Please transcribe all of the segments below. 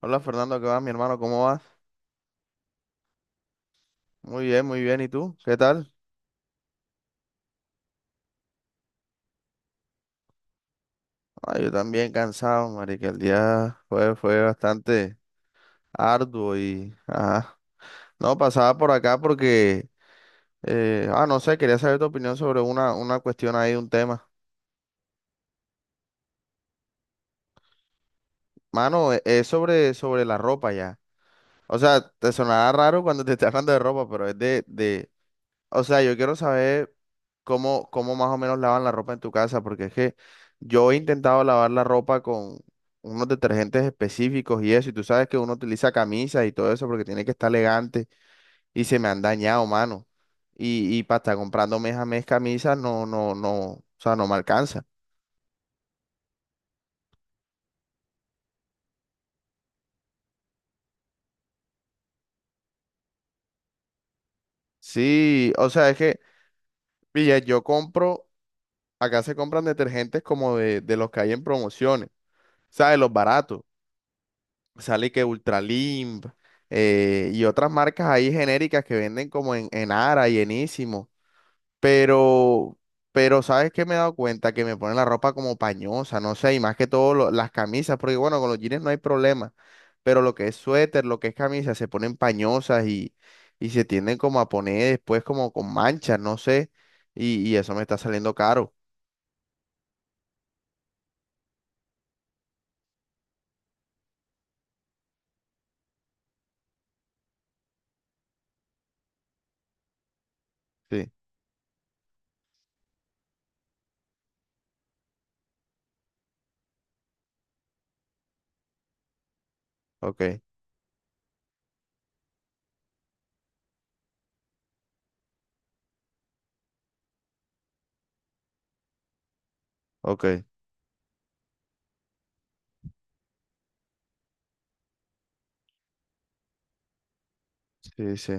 Hola Fernando, ¿qué vas, mi hermano? ¿Cómo vas? Muy bien, muy bien. ¿Y tú? ¿Qué tal? Ah, yo también cansado, marica. El día fue bastante arduo y... Ajá. No, pasaba por acá porque... no sé, quería saber tu opinión sobre una cuestión ahí, un tema. Mano, es sobre la ropa ya. O sea, te sonará raro cuando te esté hablando de ropa, pero es o sea, yo quiero saber cómo más o menos lavan la ropa en tu casa, porque es que yo he intentado lavar la ropa con unos detergentes específicos y eso, y tú sabes que uno utiliza camisas y todo eso porque tiene que estar elegante y se me han dañado, mano. Y para estar comprando mes a mes camisas, no, no, no, o sea, no me alcanza. Sí, o sea, es que, pilla, yo compro, acá se compran detergentes como de los que hay en promociones, ¿sabes? Los baratos. Sale que Ultralimp, y otras marcas ahí genéricas que venden como en Ara y enísimo. Pero, pero ¿sabes qué me he dado cuenta? Que me ponen la ropa como pañosa, no sé, y más que todo las camisas, porque bueno, con los jeans no hay problema, pero lo que es suéter, lo que es camisa, se ponen pañosas y se tienden como a poner después como con manchas, no sé, y eso me está saliendo caro. Sí, ok, ok, sí, sí.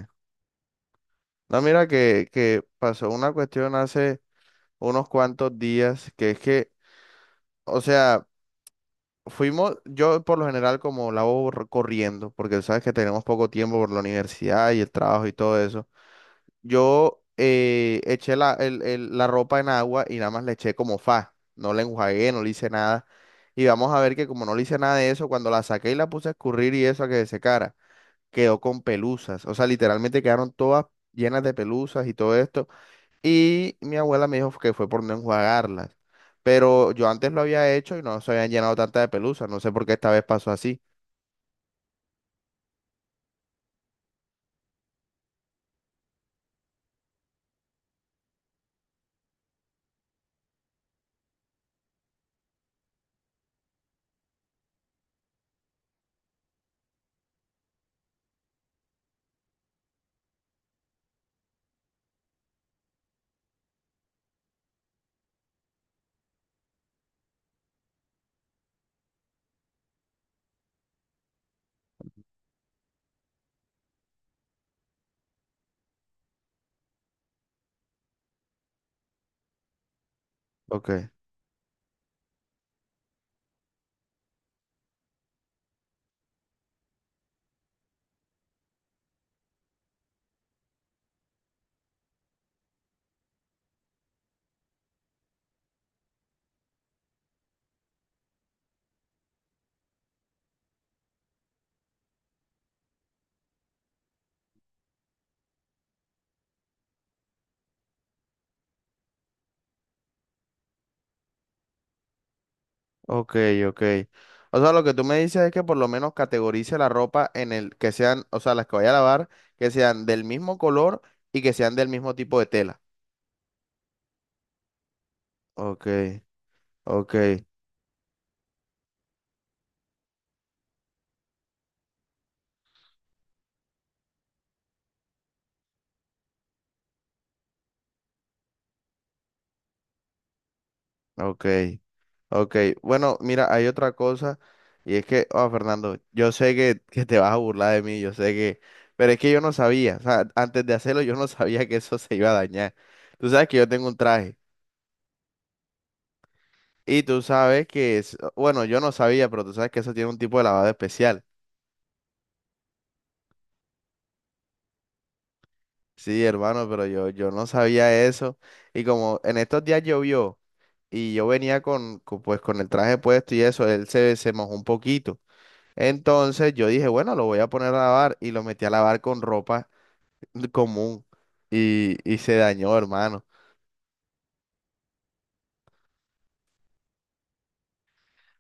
No, mira que pasó una cuestión hace... unos cuantos días, que es que, o sea, fuimos, yo por lo general como la hago corriendo, porque sabes que tenemos poco tiempo por la universidad y el trabajo y todo eso, yo eché la ropa en agua y nada más le eché como fa, no la enjuagué, no le hice nada, y vamos a ver que como no le hice nada de eso, cuando la saqué y la puse a escurrir y eso a que se secara, quedó con pelusas, o sea, literalmente quedaron todas llenas de pelusas y todo esto. Y mi abuela me dijo que fue por no enjuagarlas. Pero yo antes lo había hecho y no se habían llenado tanta de pelusa. No sé por qué esta vez pasó así. Ok, ok, ok. O sea, lo que tú me dices es que por lo menos categorice la ropa en el que sean, o sea, las que vaya a lavar, que sean del mismo color y que sean del mismo tipo de tela. Ok, ok, ok. Ok, bueno, mira, hay otra cosa y es que, oh, Fernando, yo sé que te vas a burlar de mí, yo sé que, pero es que yo no sabía, o sea, antes de hacerlo yo no sabía que eso se iba a dañar. Tú sabes que yo tengo un traje y tú sabes que es, bueno, yo no sabía, pero tú sabes que eso tiene un tipo de lavado especial. Sí, hermano, pero yo no sabía eso y como en estos días llovió y yo venía pues, con el traje puesto y eso, él se mojó un poquito. Entonces yo dije, bueno, lo voy a poner a lavar y lo metí a lavar con ropa común y se dañó, hermano.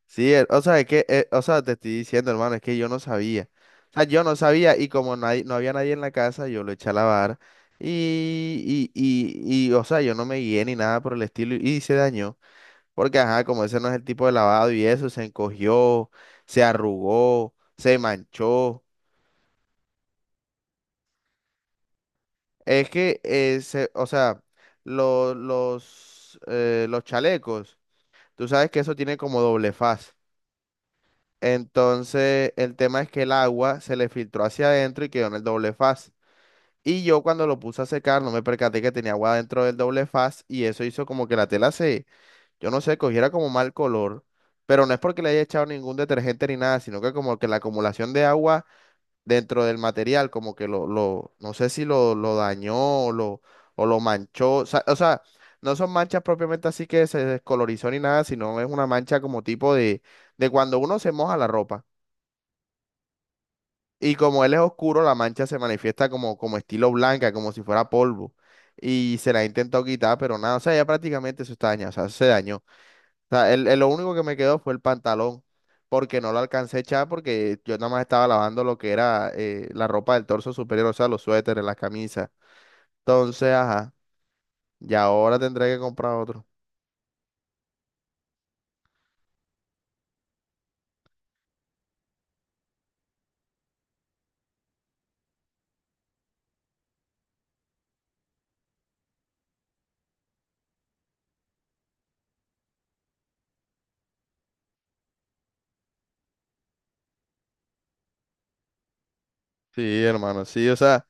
Sí, o sea, es que, o sea, te estoy diciendo, hermano, es que yo no sabía. O sea, yo no sabía y como nadie, no había nadie en la casa, yo lo eché a lavar o sea, yo no me guié ni nada por el estilo y, se dañó. Porque, ajá, como ese no es el tipo de lavado y eso, se encogió, se arrugó, se manchó. Es que, o sea, los chalecos, tú sabes que eso tiene como doble faz. Entonces, el tema es que el agua se le filtró hacia adentro y quedó en el doble faz. Y yo cuando lo puse a secar, no me percaté que tenía agua dentro del doble faz y eso hizo como que la tela se, yo no sé, cogiera como mal color. Pero no es porque le haya echado ningún detergente ni nada, sino que como que la acumulación de agua dentro del material, como que lo no sé si lo dañó o lo, o lo manchó. O sea, no son manchas propiamente así que se descolorizó ni nada, sino es una mancha como tipo de cuando uno se moja la ropa. Y como él es oscuro, la mancha se manifiesta como, como estilo blanca, como si fuera polvo. Y se la intentó quitar, pero nada, o sea, ya prácticamente eso está dañado, o sea, se dañó. O sea, lo único que me quedó fue el pantalón, porque no lo alcancé a echar porque yo nada más estaba lavando lo que era la ropa del torso superior, o sea, los suéteres, las camisas. Entonces, ajá, y ahora tendré que comprar otro. Sí, hermano, sí, o sea,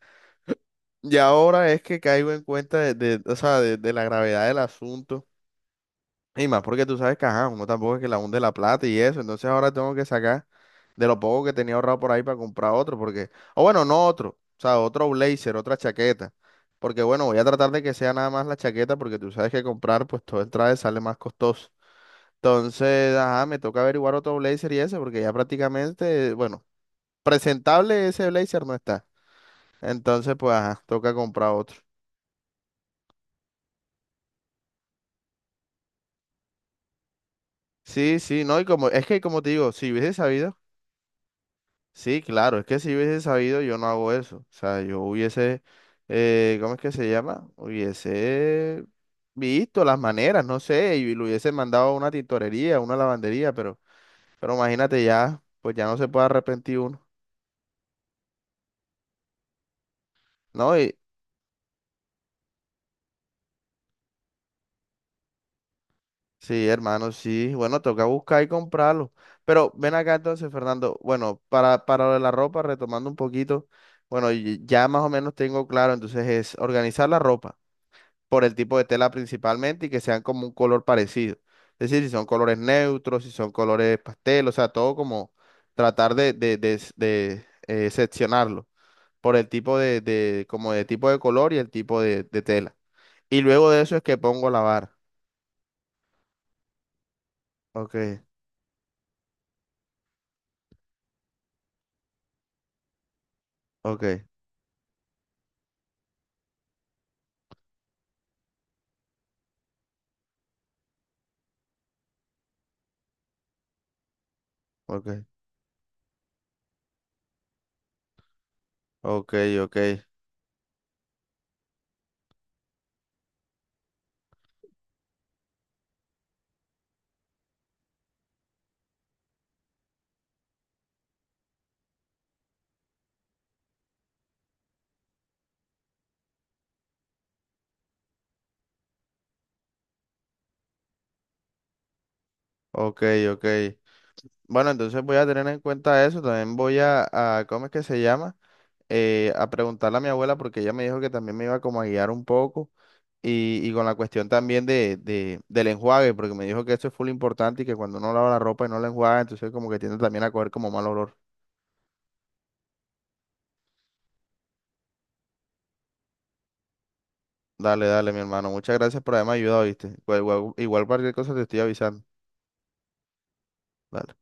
y ahora es que caigo en cuenta o sea, de la gravedad del asunto. Y más porque tú sabes que, ajá, uno tampoco es que la hunde la plata y eso. Entonces ahora tengo que sacar de lo poco que tenía ahorrado por ahí para comprar otro. Porque, o bueno, no otro. O sea, otro blazer, otra chaqueta. Porque bueno, voy a tratar de que sea nada más la chaqueta porque tú sabes que comprar pues todo el traje sale más costoso. Entonces, ajá, me toca averiguar otro blazer y ese porque ya prácticamente, bueno, presentable ese blazer no está. Entonces, pues, ajá, toca comprar otro. Sí, sí, no, y como, es que como te digo, si hubiese sabido. Sí, claro, es que si hubiese sabido yo no hago eso. O sea, yo hubiese, ¿cómo es que se llama? Hubiese visto las maneras, no sé, y lo hubiese mandado a una tintorería, a una lavandería, pero imagínate ya, pues ya no se puede arrepentir uno. No, y sí, hermano, sí, bueno, toca buscar y comprarlo. Pero ven acá entonces, Fernando, bueno, para lo de la ropa, retomando un poquito, bueno, y ya más o menos tengo claro, entonces es organizar la ropa por el tipo de tela principalmente y que sean como un color parecido. Es decir, si son colores neutros, si son colores pastel, o sea, todo como tratar de seccionarlo por el tipo de como de tipo de color y el tipo de tela. Y luego de eso es que pongo a lavar. Ok, ok, ok, ok, ok, ok, ok. Bueno, entonces voy a tener en cuenta eso. También voy a ¿cómo es que se llama? A preguntarle a mi abuela porque ella me dijo que también me iba como a guiar un poco y con la cuestión también del enjuague, porque me dijo que eso es full importante y que cuando uno lava la ropa y no la enjuaga, entonces como que tiende también a coger como mal olor. Dale, dale, mi hermano. Muchas gracias por haberme ayudado, ¿viste? Igual, igual cualquier cosa te estoy avisando. Dale.